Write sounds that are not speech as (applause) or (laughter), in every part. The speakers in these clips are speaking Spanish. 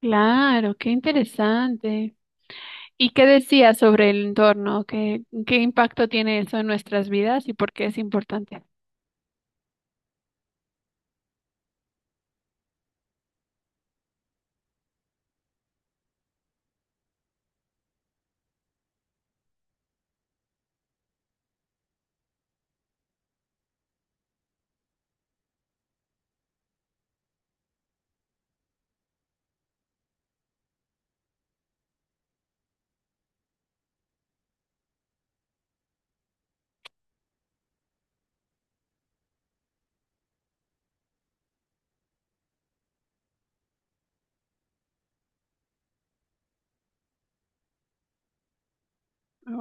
Claro, qué interesante. ¿Y qué decías sobre el entorno? ¿Qué impacto tiene eso en nuestras vidas y por qué es importante?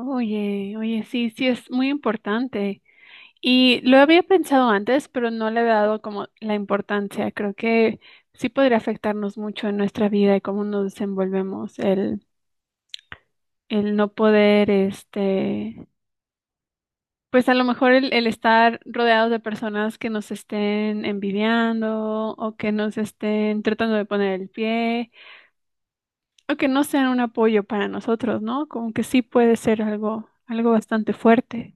Oye, oye, sí, sí, es muy importante. Y lo había pensado antes, pero no le había dado como la importancia. Creo que sí podría afectarnos mucho en nuestra vida y cómo nos desenvolvemos, el no poder, este, pues a lo mejor el estar rodeados de personas que nos estén envidiando o que nos estén tratando de poner el pie o que no sean un apoyo para nosotros, ¿no? Como que sí puede ser algo, algo bastante fuerte.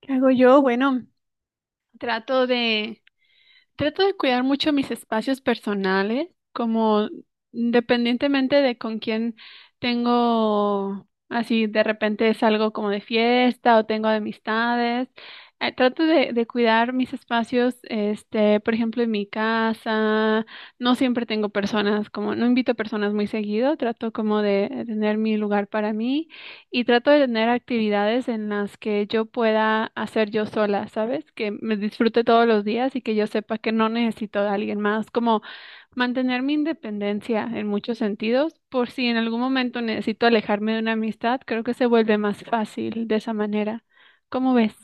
¿Qué hago yo? Bueno. Trato de, trato de cuidar mucho mis espacios personales, como independientemente de con quién tengo, así de repente salgo como de fiesta o tengo amistades. Trato de cuidar mis espacios, este, por ejemplo, en mi casa. No siempre tengo personas, como no invito personas muy seguido. Trato como de tener mi lugar para mí. Y trato de tener actividades en las que yo pueda hacer yo sola, ¿sabes? Que me disfrute todos los días y que yo sepa que no necesito de alguien más, como mantener mi independencia en muchos sentidos, por si en algún momento necesito alejarme de una amistad, creo que se vuelve más fácil de esa manera. ¿Cómo ves?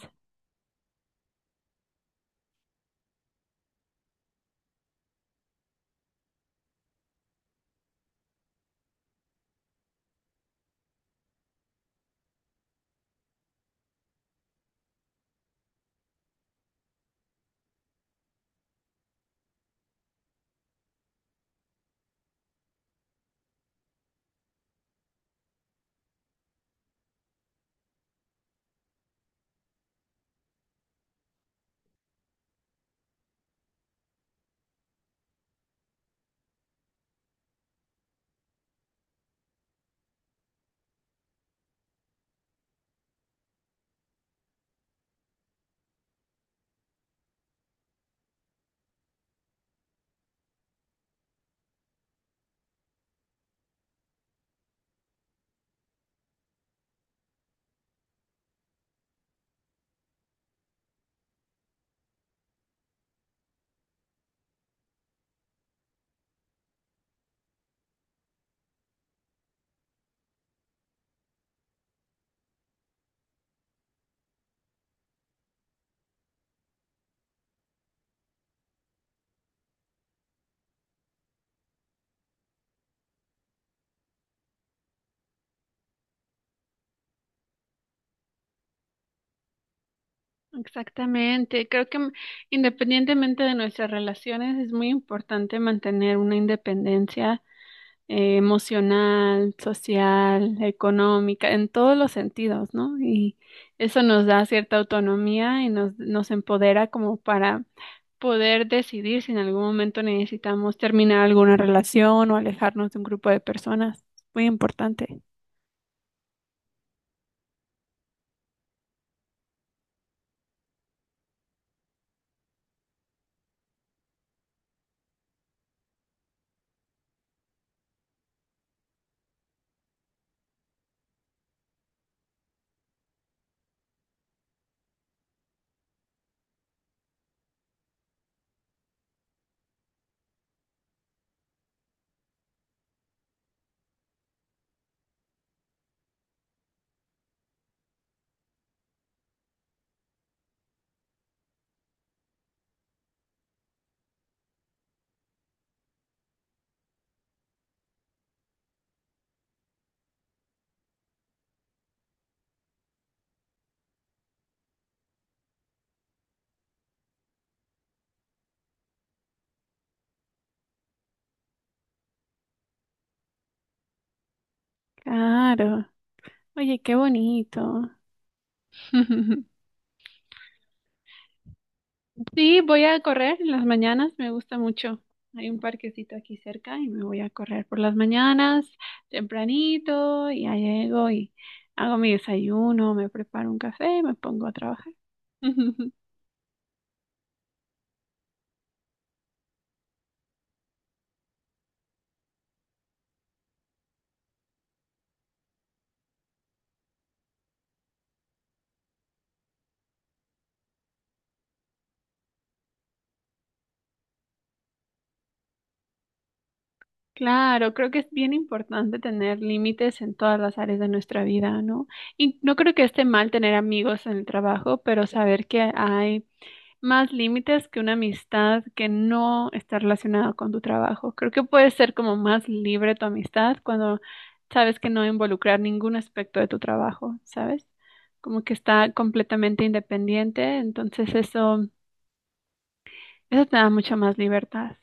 Exactamente, creo que independientemente de nuestras relaciones es muy importante mantener una independencia emocional, social, económica, en todos los sentidos, ¿no? Y eso nos da cierta autonomía y nos empodera como para poder decidir si en algún momento necesitamos terminar alguna relación o alejarnos de un grupo de personas. Es muy importante. Claro. Oye, qué bonito. (laughs) Sí, voy a correr en las mañanas, me gusta mucho. Hay un parquecito aquí cerca y me voy a correr por las mañanas, tempranito, y ya llego y hago mi desayuno, me preparo un café y me pongo a trabajar. (laughs) Claro, creo que es bien importante tener límites en todas las áreas de nuestra vida, ¿no? Y no creo que esté mal tener amigos en el trabajo, pero saber que hay más límites que una amistad que no está relacionada con tu trabajo. Creo que puede ser como más libre tu amistad cuando sabes que no involucrar ningún aspecto de tu trabajo, ¿sabes? Como que está completamente independiente, entonces eso te da mucha más libertad.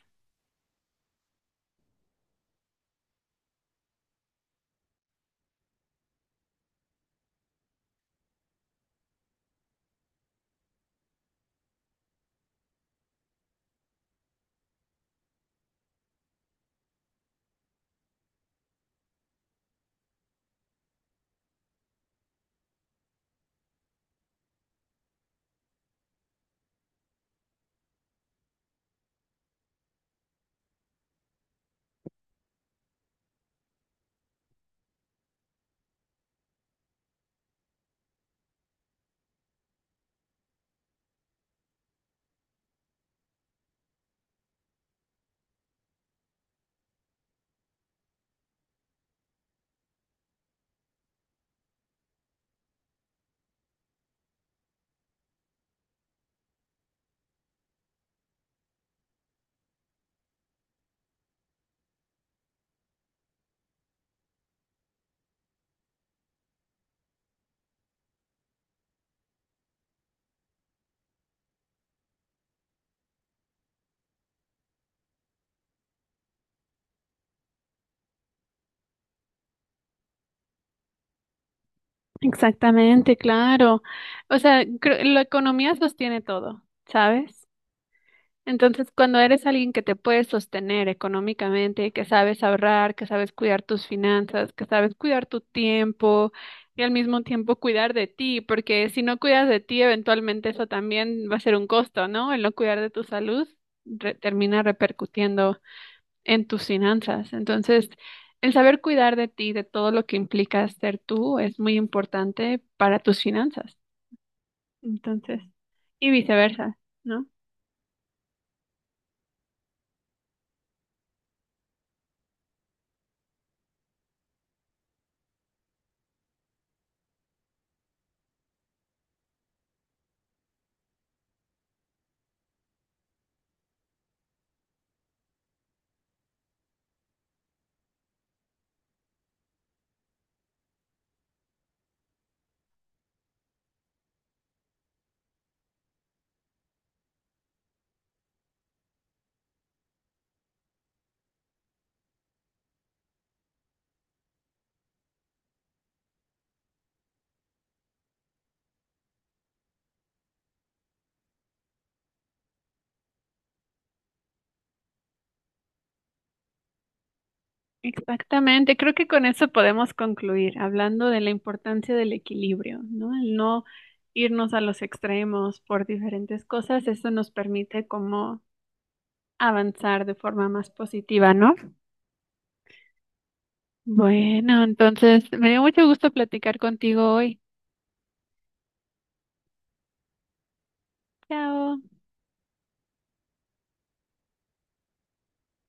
Exactamente, claro. O sea, la economía sostiene todo, ¿sabes? Entonces, cuando eres alguien que te puedes sostener económicamente, que sabes ahorrar, que sabes cuidar tus finanzas, que sabes cuidar tu tiempo y al mismo tiempo cuidar de ti, porque si no cuidas de ti, eventualmente eso también va a ser un costo, ¿no? El no cuidar de tu salud termina repercutiendo en tus finanzas. Entonces, el saber cuidar de ti, de todo lo que implica ser tú, es muy importante para tus finanzas. Entonces, y viceversa, ¿no? Exactamente, creo que con eso podemos concluir, hablando de la importancia del equilibrio, ¿no? El no irnos a los extremos por diferentes cosas, eso nos permite como avanzar de forma más positiva, ¿no? Bueno, entonces me dio mucho gusto platicar contigo hoy. Chao.